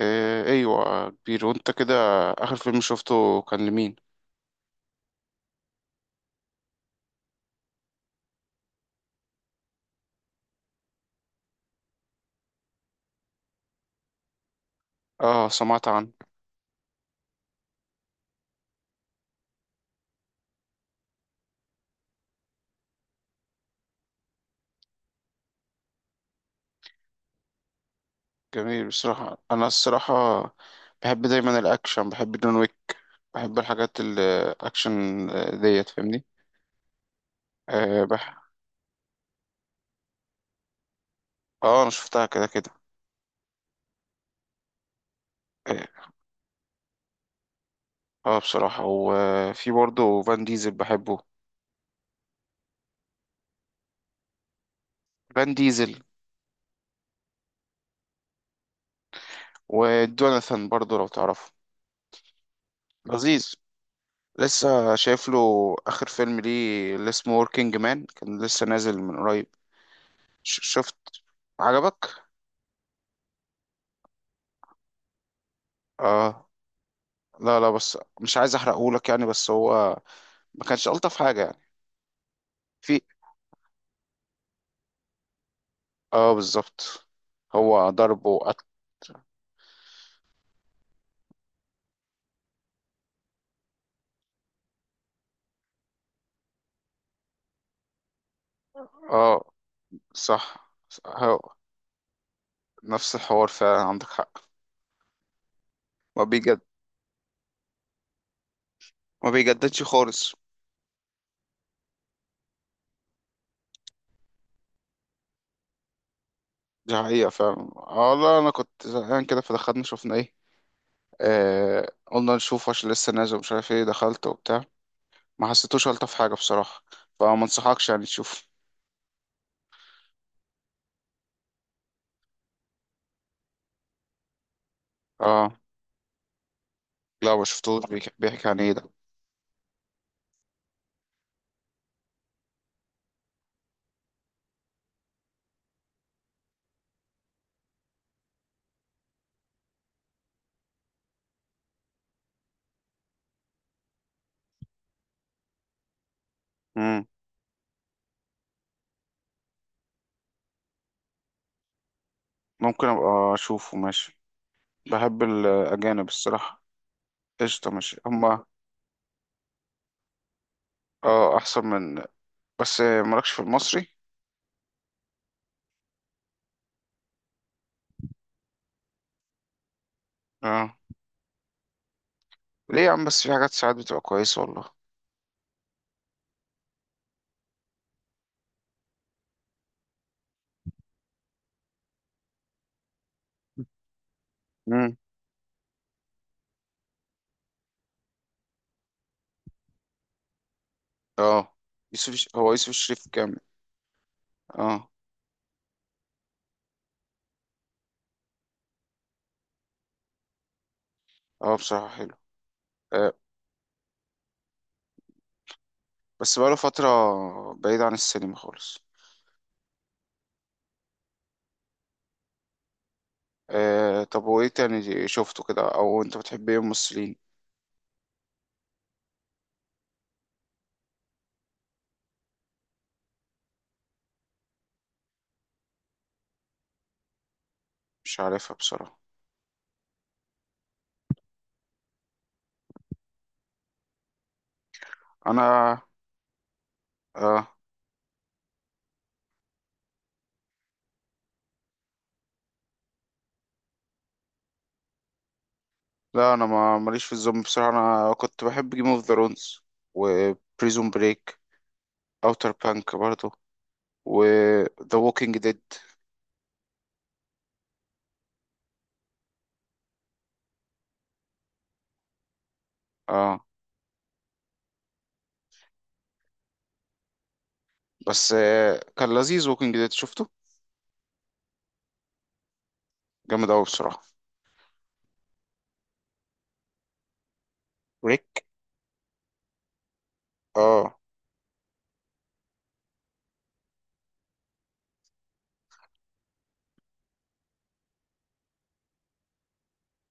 إيه ايوه كبير وانت كده. اخر فيلم شفته كان لمين؟ اه سمعت عنه. جميل بصراحة. انا الصراحة بحب دايما الاكشن، بحب جون ويك، بحب الحاجات الاكشن. ديت فاهمني. اه بح... اه انا شفتها كده كده. اه بصراحة وفي برضه فان ديزل بحبه. فان ديزل ودوناثان برضه لو تعرفه. لذيذ. لسه شايف له اخر فيلم ليه اللي اسمه وركينج مان، كان لسه نازل من قريب. شفت؟ عجبك؟ اه لا لا، بس مش عايز احرقهولك يعني. بس هو ما كانش الطف حاجه يعني. في، اه بالظبط. هو ضرب وقتل. اه صح. هو نفس الحوار فعلا، عندك حق. ما بيجد ما بيجددش خالص. دي حقيقة فعلا. اه لا انا كنت زهقان كده فدخلنا شفنا ايه. آه قلنا نشوف عشان لسه نازل، مش عارف ايه، دخلت وبتاع. ما حسيتوش الطف حاجة بصراحة، فما انصحكش يعني تشوف. اه لا ما شفتوش. بيحكي عن ايه ده؟ ممكن ابقى اشوفه ماشي، بحب الاجانب الصراحه. قشطه ماشي هما. اه احسن من، بس مالكش في المصري. اه ليه يا عم، بس في حاجات ساعات بتبقى كويس والله. امم. اه يوسف هو يوسف الشريف كامل. اه. اه بصراحه حلو. آه. بس بقاله فتره بعيد عن السينما خالص. آه. طب وايه تاني شفته كده، او انت بتحب ايه ممثلين؟ مش عارفها بصراحه. انا. اه لا انا ما ماليش في الزومبي بصراحه. انا كنت بحب جيم اوف ذا رونز وبريزون بريك، اوتر بانك برضو، وذا ووكينج ديد. اه بس كان لذيذ ووكينج ديد شفته، جامد قوي بصراحه. ريك. اه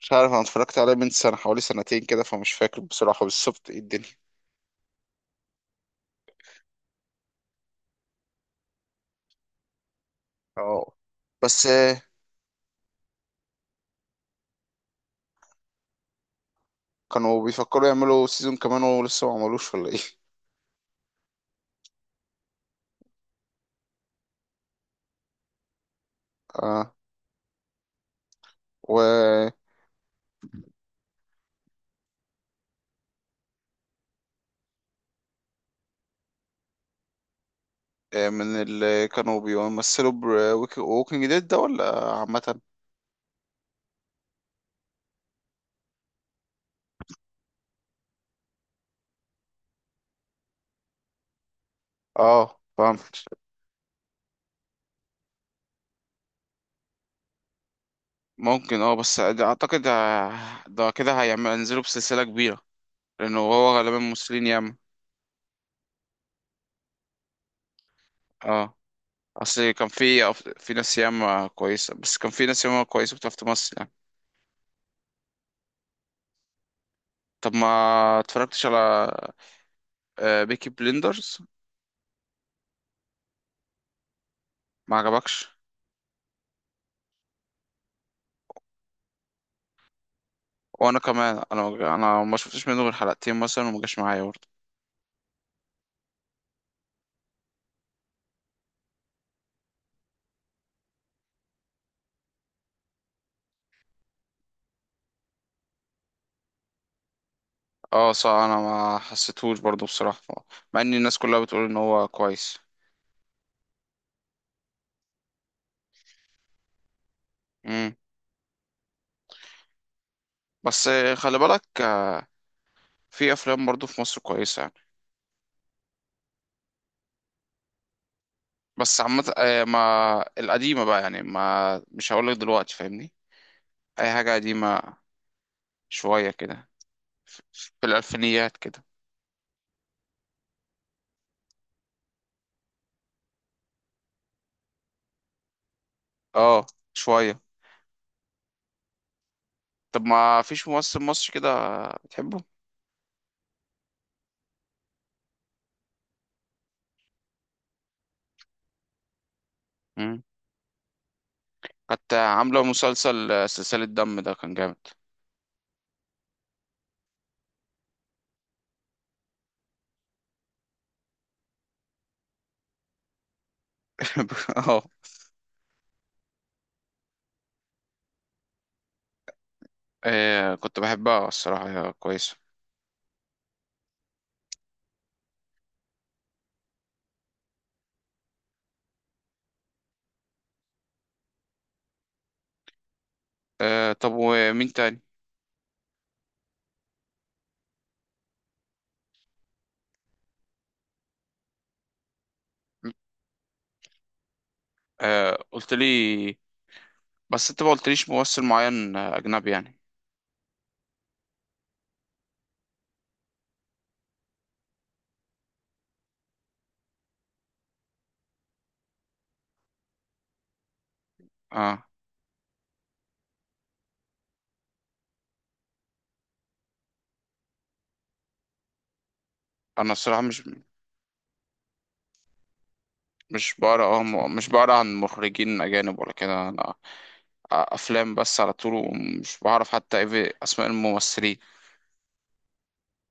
مش عارف، انا اتفرجت عليه من سنه حوالي سنتين كده فمش فاكر بصراحه بالظبط ايه الدنيا. اه بس كانوا بيفكروا يعملوا سيزون كمان ولسه ما عملوش ولا ايه؟ اه. و من اللي كانوا بيمثلوا بوكينج ديد ده، ولا عامة؟ اه فهمت. ممكن اه، بس ده اعتقد ده كده هيعمل، ينزلوا بسلسلة كبيرة، لانه هو غالبا مسلمين ياما. اه. اصل كان في، في ناس ياما كويسة، بس كان في ناس ياما كويسة بتعرف تمثل يعني. طب ما اتفرجتش على بيكي بليندرز؟ ما عجبكش. وانا كمان، انا ما شفتش منه غير حلقتين مثلا وما جاش معايا برضه. اه صح انا ما حسيتهوش برضه بصراحة، مع ان الناس كلها بتقول ان هو كويس. امم. بس خلي بالك في افلام برضو في مصر كويسه يعني. بس عامه ما القديمه بقى يعني، ما مش هقول لك دلوقتي فاهمني، اي حاجه قديمه شويه كده، في الالفينيات كده. اه شويه. طب ما فيش ممثل مصري كده بتحبه؟ مم. كانت عامله مسلسل سلسله دم ده كان جامد. اه. كنت بحبها الصراحه، هي كويسه. طب ومين تاني؟ قلت لي، بس انت ما قلتليش ممثل معين اجنبي يعني. اه. انا الصراحه مش بقرا. مش بقرا عن مخرجين اجانب ولا كده انا، افلام بس على طول، ومش بعرف حتى ايه في اسماء الممثلين،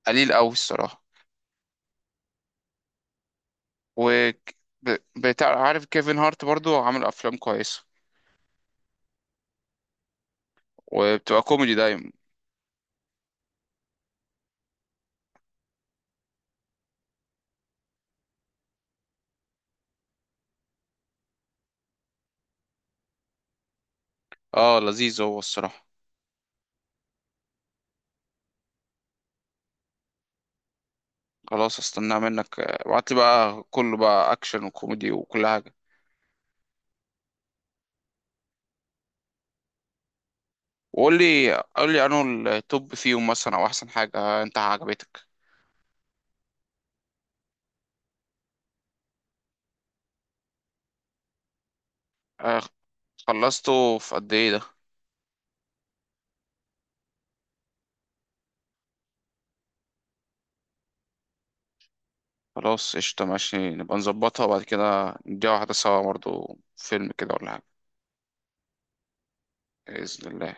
قليل قوي الصراحه. و بتاع، عارف كيفن هارت برضو عامل افلام كويسه، وبتبقى كوميدي دايما. اه لذيذ هو الصراحه. خلاص، استناه منك، ابعت لي بقى، كله بقى اكشن وكوميدي وكل حاجه. وقول لي انه التوب فيهم مثلا، او احسن حاجه انت عجبتك. آه، خلصته في قد ايه ده؟ خلاص قشطة ماشي، نبقى نظبطها وبعد كده نديها واحدة سوا برضه فيلم كده ولا حاجة، بإذن الله.